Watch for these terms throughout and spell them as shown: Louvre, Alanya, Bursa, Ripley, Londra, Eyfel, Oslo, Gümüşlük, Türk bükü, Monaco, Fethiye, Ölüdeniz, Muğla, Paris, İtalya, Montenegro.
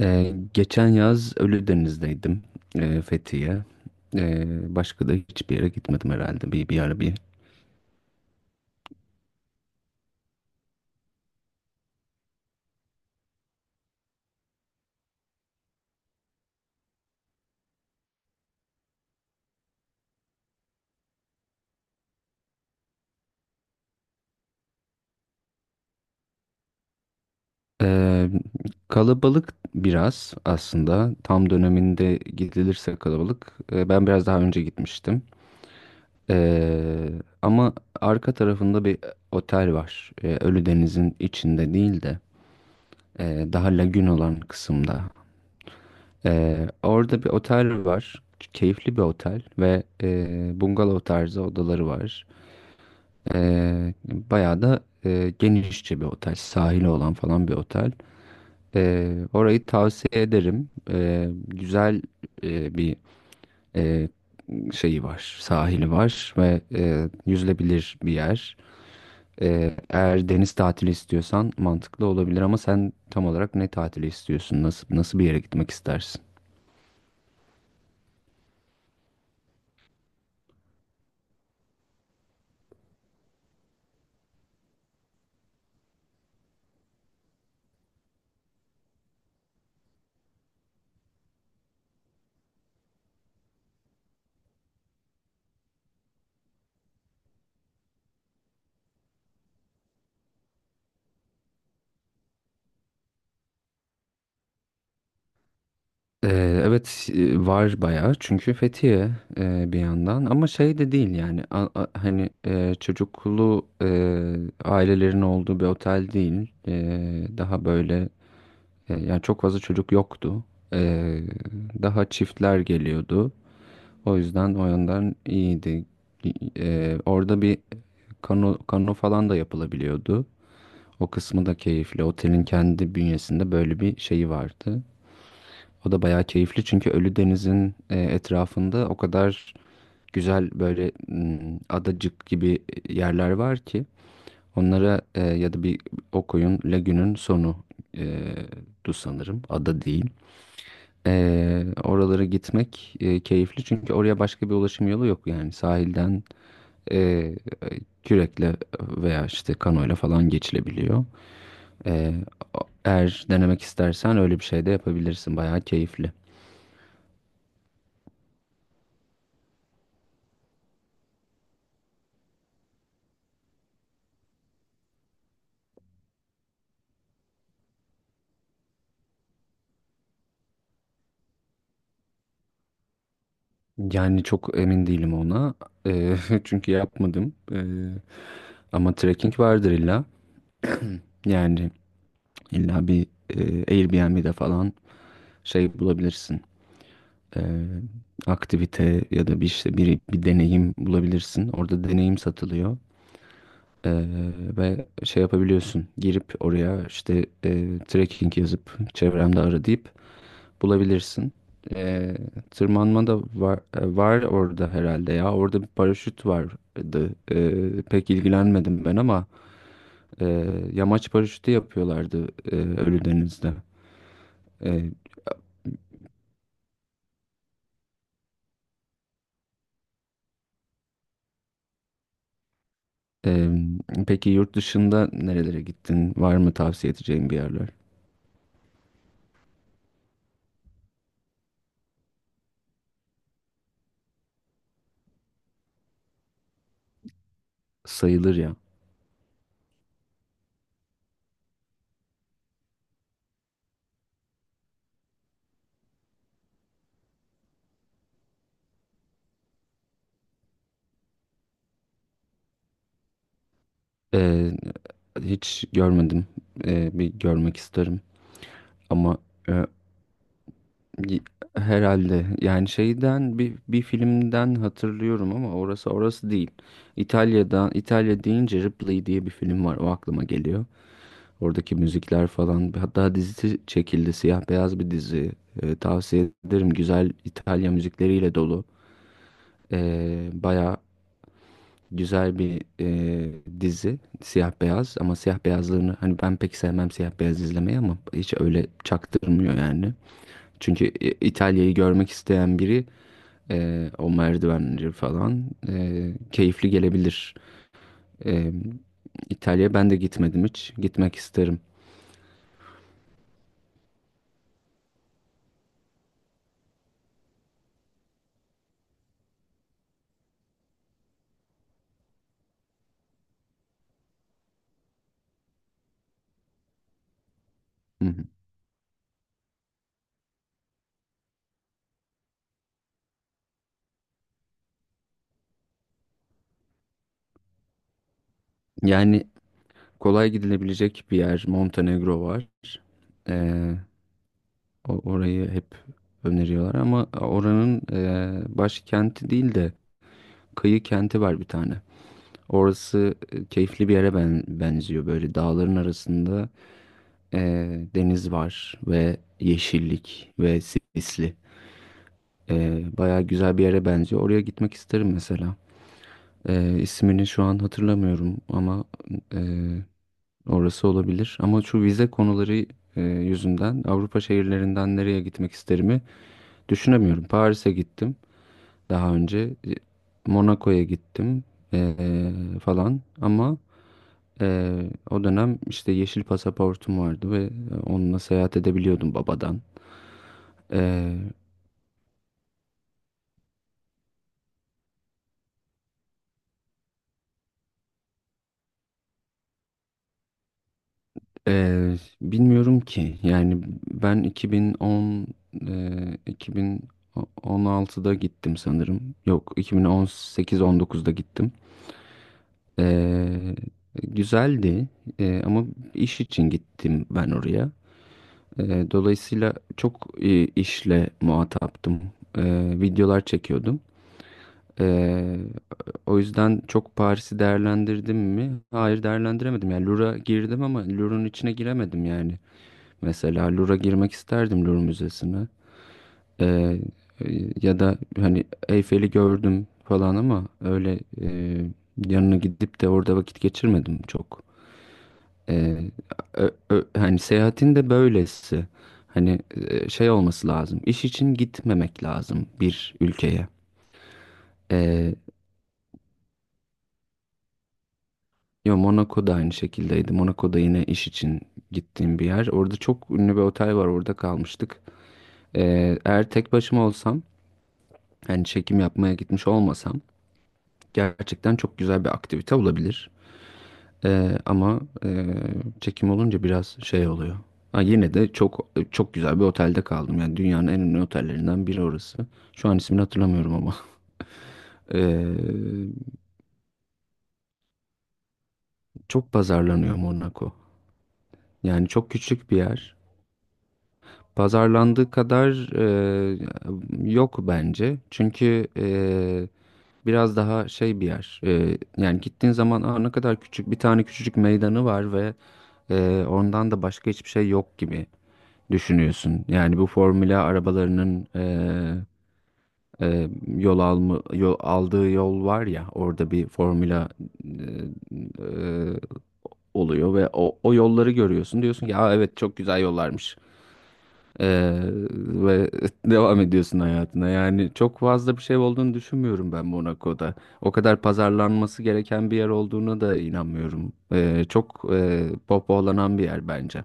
Geçen yaz Ölüdeniz'deydim, Fethiye. Başka da hiçbir yere gitmedim herhalde bir ara bir. Ee, Kalabalık biraz aslında. Tam döneminde gidilirse kalabalık. Ben biraz daha önce gitmiştim. Ee, Ama arka tarafında bir otel var. Ölüdeniz'in içinde değil de daha lagün olan kısımda. Orada bir otel var. Keyifli bir otel ve bungalov tarzı odaları var. Bayağı da genişçe bir otel. Sahili olan falan bir otel. Orayı tavsiye ederim. Güzel bir e, şeyi var. Sahili var ve yüzülebilir bir yer. Eğer deniz tatili istiyorsan mantıklı olabilir ama sen tam olarak ne tatili istiyorsun? Nasıl bir yere gitmek istersin? Evet, var bayağı çünkü Fethiye bir yandan, ama şey de değil yani hani çocuklu ailelerin olduğu bir otel değil. Daha böyle yani çok fazla çocuk yoktu. E, Daha çiftler geliyordu, o yüzden o yandan iyiydi. Orada bir kano falan da yapılabiliyordu. O kısmı da keyifli, otelin kendi bünyesinde böyle bir şeyi vardı. O da bayağı keyifli çünkü Ölüdeniz'in etrafında o kadar güzel böyle adacık gibi yerler var ki onlara, ya da bir o koyun lagünün sonu e, du sanırım, ada değil. Oralara gitmek keyifli çünkü oraya başka bir ulaşım yolu yok, yani sahilden e, kürekle veya işte kanoyla falan geçilebiliyor. E, Eğer denemek istersen öyle bir şey de yapabilirsin, bayağı keyifli. Yani çok emin değilim ona. Eee, çünkü yapmadım. Ama trekking vardır illa. Yani illa bir Airbnb'de falan şey bulabilirsin. Eee, Aktivite ya da bir işte bir deneyim bulabilirsin. Orada deneyim satılıyor. Eee, Ve şey yapabiliyorsun. Girip oraya işte trekking yazıp çevremde ara deyip bulabilirsin. Ee, Tırmanma da var orada herhalde ya. Orada bir paraşüt vardı. Pek ilgilenmedim ben ama e, yamaç paraşütü yapıyorlardı Ölüdeniz'de. Ee, e, peki yurt dışında nerelere gittin? Var mı tavsiye edeceğin bir yerler? Sayılır ya. Ee, Hiç görmedim. Bir görmek isterim ama e, Y- herhalde yani şeyden bir filmden hatırlıyorum ama orası değil. İtalya deyince Ripley diye bir film var, o aklıma geliyor. Oradaki müzikler falan, hatta dizisi çekildi, siyah beyaz bir dizi. Tavsiye ederim, güzel, İtalya müzikleriyle dolu. Baya güzel bir dizi, siyah beyaz, ama siyah beyazlarını hani ben pek sevmem, siyah beyaz izlemeyi, ama hiç öyle çaktırmıyor yani. Çünkü İtalya'yı görmek isteyen biri, o merdivenleri falan keyifli gelebilir. Ee, İtalya'ya ben de gitmedim hiç. Gitmek isterim. Hı hı. Yani kolay gidilebilecek bir yer. Montenegro var. Ee, Orayı hep öneriyorlar ama oranın başkenti değil de kıyı kenti var bir tane. Orası keyifli bir yere benziyor. Böyle dağların arasında deniz var ve yeşillik ve sisli. Bayağı güzel bir yere benziyor. Oraya gitmek isterim mesela. İsmini şu an hatırlamıyorum ama e, orası olabilir. Ama şu vize konuları yüzünden Avrupa şehirlerinden nereye gitmek isterimi düşünemiyorum. Paris'e gittim daha önce. Monaco'ya gittim e, falan. Ama e, o dönem işte yeşil pasaportum vardı ve onunla seyahat edebiliyordum, babadan. Ee, Bilmiyorum ki. Yani ben 2010, 2016'da gittim sanırım. Yok, 2018-19'da gittim. Ee, Güzeldi. Ama iş için gittim ben oraya. Dolayısıyla çok işle muhataptım. Videolar çekiyordum. Ee, O yüzden çok Paris'i değerlendirdim mi? Hayır, değerlendiremedim. Yani Louvre'a girdim ama Louvre'un içine giremedim yani. Mesela Louvre'a girmek isterdim, Louvre Müzesi'ne. Ee, Ya da hani Eyfel'i gördüm falan ama öyle yanına gidip de orada vakit geçirmedim çok. Ee, Hani seyahatin de böylesi. Hani şey olması lazım. İş için gitmemek lazım bir ülkeye. Ee, Yo, Monaco da aynı şekildeydi. Monaco da yine iş için gittiğim bir yer. Orada çok ünlü bir otel var. Orada kalmıştık. Eğer tek başıma olsam, yani çekim yapmaya gitmiş olmasam, gerçekten çok güzel bir aktivite olabilir. Ama çekim olunca biraz şey oluyor. Ha, yine de çok çok güzel bir otelde kaldım. Yani dünyanın en ünlü otellerinden biri orası. Şu an ismini hatırlamıyorum ama. Ee, Çok pazarlanıyor Monaco. Yani çok küçük bir yer. Pazarlandığı kadar yok bence. Çünkü biraz daha şey bir yer. Yani gittiğin zaman, aa, ne kadar küçük, bir tane küçücük meydanı var ve ondan da başka hiçbir şey yok gibi düşünüyorsun. Yani bu formula arabalarının aldığı yol var ya, orada bir formula e, e, oluyor ve o yolları görüyorsun. Diyorsun ki ya evet, çok güzel yollarmış. Ee, Ve devam ediyorsun hayatına. Yani çok fazla bir şey olduğunu düşünmüyorum ben Monaco'da. O kadar pazarlanması gereken bir yer olduğuna da inanmıyorum. Çok pohpohlanan bir yer bence.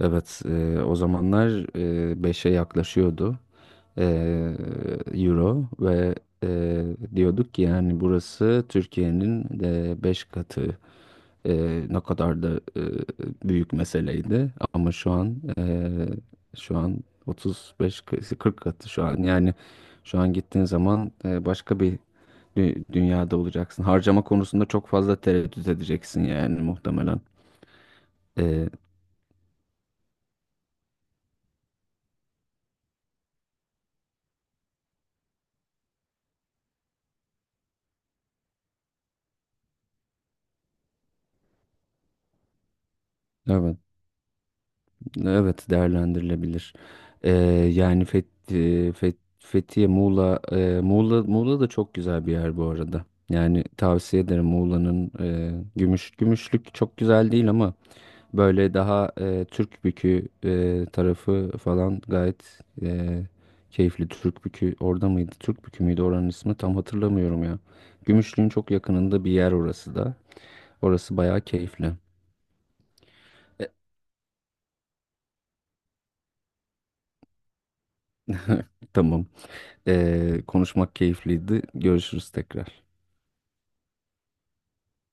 Evet, o zamanlar 5'e yaklaşıyordu e, euro, ve e, diyorduk ki yani burası Türkiye'nin de 5 katı. Ne kadar da eee, büyük meseleydi, ama şu an, şu an 35, 40 katı şu an yani, şu an gittiğin zaman başka bir dünyada olacaksın. Harcama konusunda çok fazla tereddüt edeceksin yani muhtemelen. Eee, evet, evet, değerlendirilebilir. Eee, Yani Fethiye, Muğla, Muğla da çok güzel bir yer bu arada. Yani tavsiye ederim, Muğla'nın Gümüşlük çok güzel değil ama böyle daha Türk bükü tarafı falan gayet keyifli. Türk bükü orada mıydı? Türk bükü müydü oranın ismi? Tam hatırlamıyorum ya. Gümüşlüğün çok yakınında bir yer orası da. Orası bayağı keyifli. Tamam. Konuşmak keyifliydi. Görüşürüz tekrar.